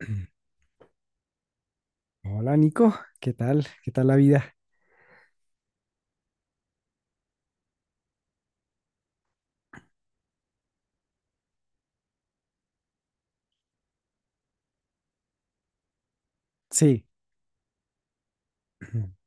Hola Nico, ¿qué tal? ¿Qué tal la vida? Sí,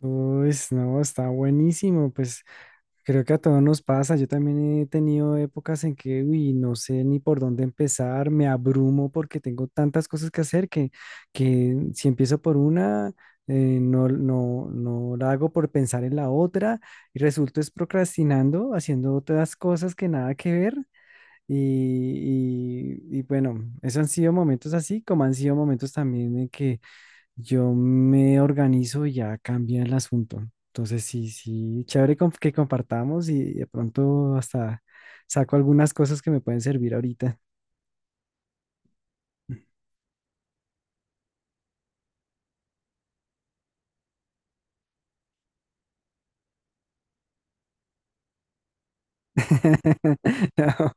pues no, está buenísimo, pues creo que a todos nos pasa. Yo también he tenido épocas en que, uy, no sé ni por dónde empezar, me abrumo porque tengo tantas cosas que hacer que si empiezo por una, no la hago por pensar en la otra y resulto es procrastinando, haciendo otras cosas que nada que ver. Y bueno, esos han sido momentos así, como han sido momentos también en que yo me organizo y ya cambia el asunto. Entonces, sí, sí, chévere que compartamos y de pronto hasta saco algunas cosas que me pueden servir ahorita. No,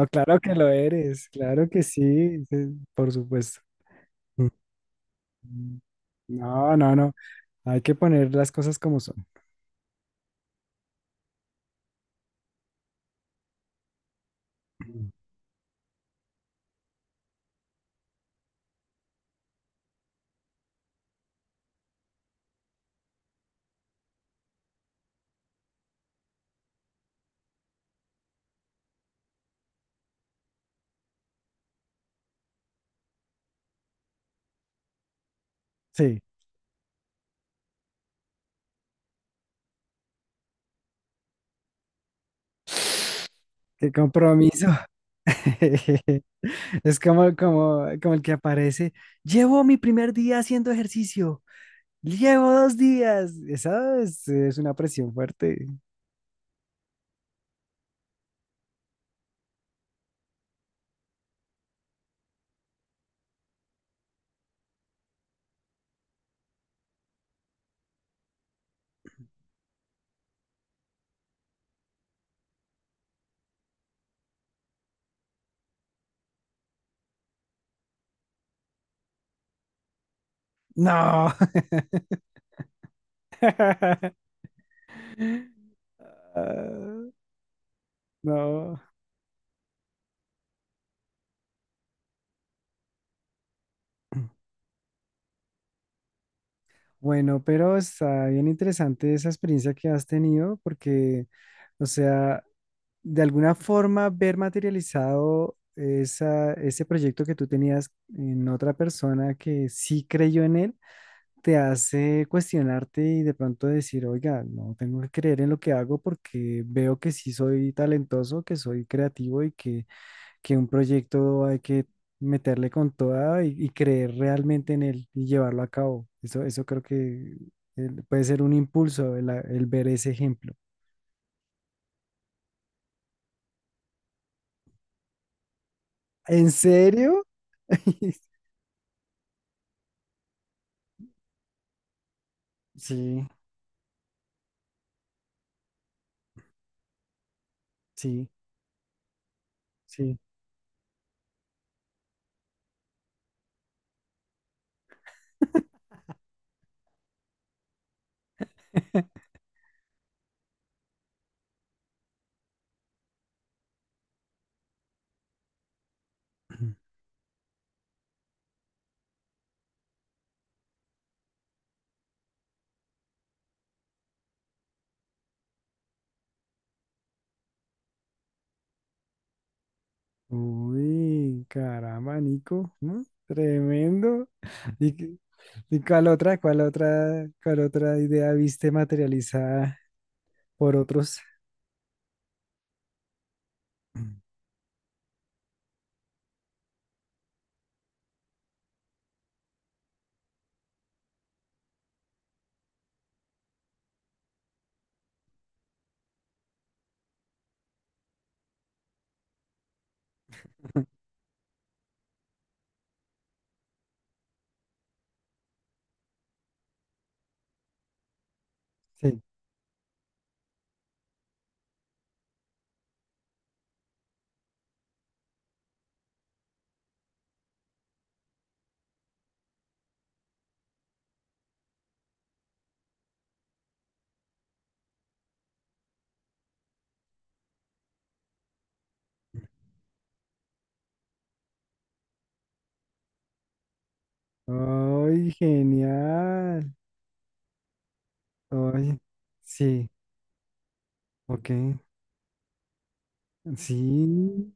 no, claro que lo eres, claro que sí, sí, por supuesto. Mm. No, no, no, hay que poner las cosas como son. Mm. Sí, qué compromiso. Es como el que aparece. Llevo mi primer día haciendo ejercicio. Llevo dos días. Es una presión fuerte. No. Ah, no. Bueno, pero está bien interesante esa experiencia que has tenido porque, o sea, de alguna forma ver materializado ese proyecto que tú tenías en otra persona que sí creyó en él te hace cuestionarte y de pronto decir, oiga, no tengo que creer en lo que hago porque veo que sí soy talentoso, que soy creativo y que un proyecto hay que meterle con toda y creer realmente en él y llevarlo a cabo. Eso creo que puede ser un impulso el ver ese ejemplo. ¿En serio? Sí, sí, sí. Uy, caramba, Nico, ¿no? Tremendo. Y ¿y cuál otra idea viste materializada por otros? Sí. ¡Ay, genial! ¡Ay! Sí, ok. Sí.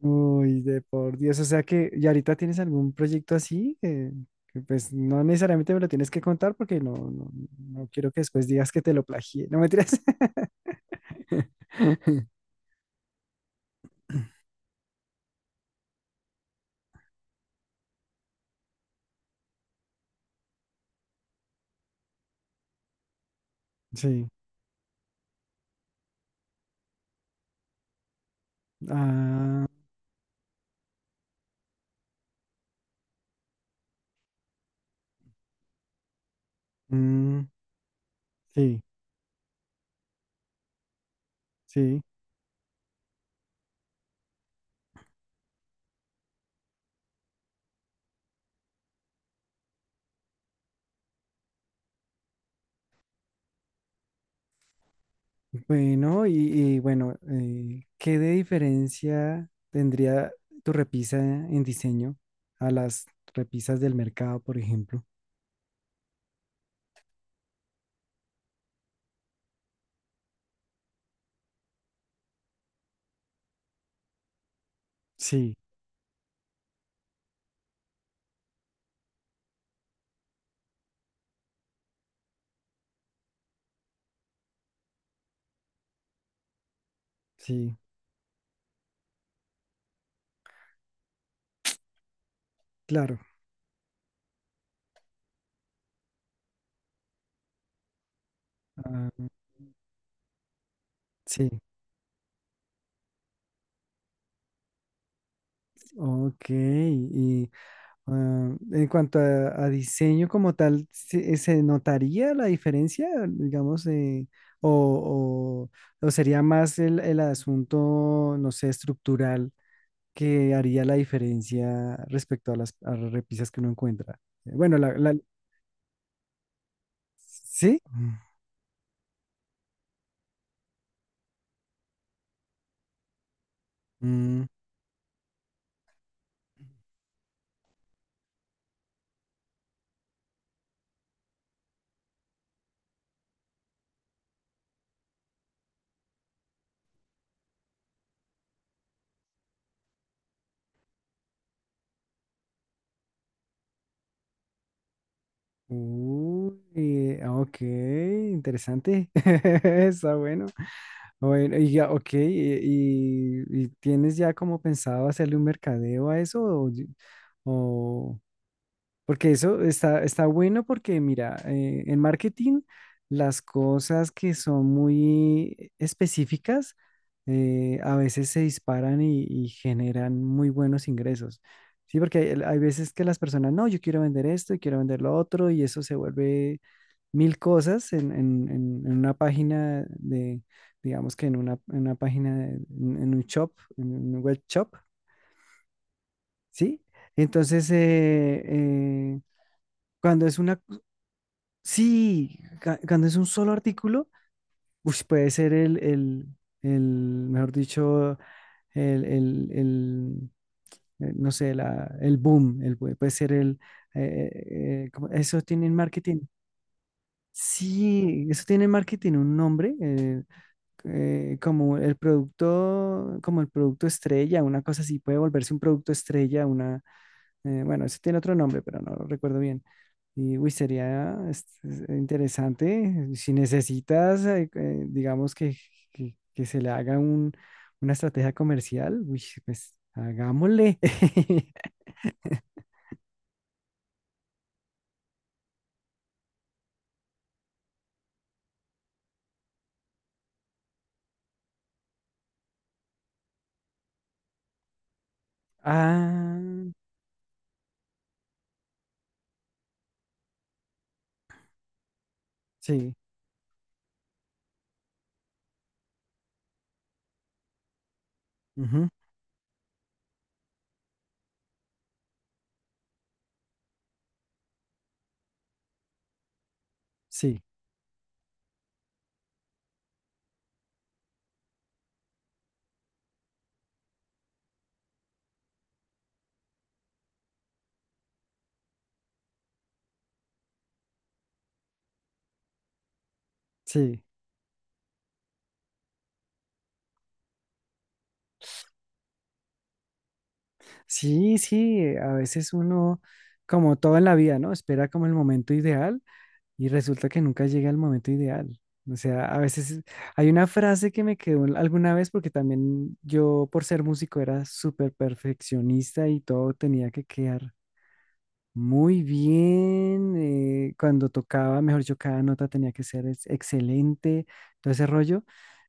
Uy, de por Dios. O sea que, ¿y ahorita tienes algún proyecto así? Que, pues no necesariamente me lo tienes que contar porque no quiero que después digas que te lo plagié. No me tiras. Sí. Ah, mm, sí, sí. Bueno, y bueno, ¿qué de diferencia tendría tu repisa en diseño a las repisas del mercado, por ejemplo? Sí, sí, claro. Ah, sí, ok. Y ah, en cuanto a diseño como tal, se notaría la diferencia, digamos, o, o- o sería más el asunto, no sé, estructural? Que haría la diferencia respecto a a las repisas que uno encuentra. Bueno, ¿sí? Mm, uy, ah, ok, interesante. Está bueno. Bueno, y ya, ok, y ¿tienes ya como pensado hacerle un mercadeo a eso? O- Porque eso está, está bueno porque, mira, en marketing las cosas que son muy específicas a veces se disparan y generan muy buenos ingresos. Sí, porque hay veces que las personas, no, yo quiero vender esto y quiero vender lo otro y eso se vuelve mil cosas en una página de, digamos que en una página, en un shop, en un web shop, ¿sí? Entonces, cuando es una. Sí, cuando es un solo artículo, ush, puede ser el, mejor dicho, el, el, el, no sé, el boom, puede ser el, eh, ¿cómo? Eso tiene en marketing. Sí, eso tiene en marketing un nombre, como el producto estrella, una cosa así, puede volverse un producto estrella. Bueno, eso tiene otro nombre, pero no lo recuerdo bien. Y uy, sería es interesante. Si necesitas, digamos que, que se le haga una estrategia comercial, uy, pues hagámosle. Ah, sí, ujú, sí, sí, sí, sí. A veces uno, como todo en la vida, ¿no? Espera como el momento ideal. Y resulta que nunca llega el momento ideal. O sea, a veces hay una frase que me quedó alguna vez porque también yo por ser músico era súper perfeccionista y todo tenía que quedar muy bien. Cuando tocaba, mejor yo cada nota tenía que ser excelente, todo ese rollo.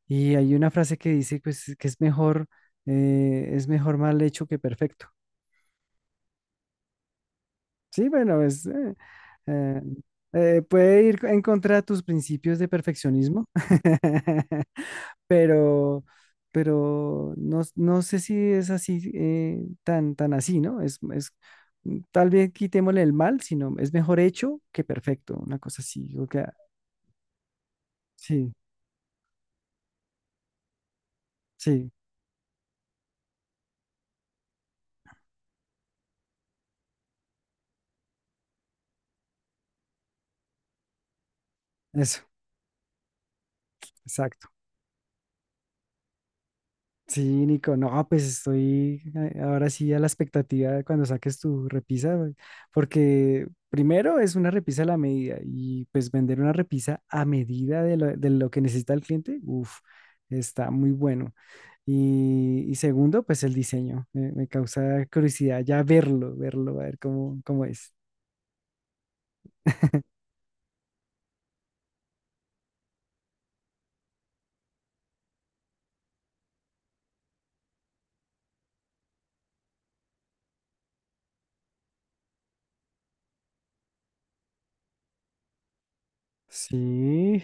Y hay una frase que dice pues que es mejor mal hecho que perfecto. Sí, bueno, es, eh, puede ir en contra de tus principios de perfeccionismo, pero, pero no, no sé si es así, tan así, ¿no? Es, mm, tal vez quitémosle el mal, sino es mejor hecho que perfecto, una cosa así. Sí, sí, eso, exacto. Sí, Nico, no, pues estoy ahora sí a la expectativa de cuando saques tu repisa, güey, porque primero es una repisa a la medida y pues vender una repisa a medida de lo que necesita el cliente, uff, está muy bueno. Y segundo, pues el diseño, me causa curiosidad ya verlo, verlo, a ver cómo, cómo es. Sí,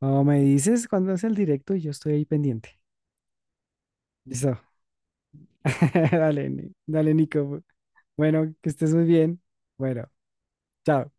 o me dices cuándo es el directo y yo estoy ahí pendiente. Listo, dale, dale, Nico. Bueno, que estés muy bien. Bueno, chao.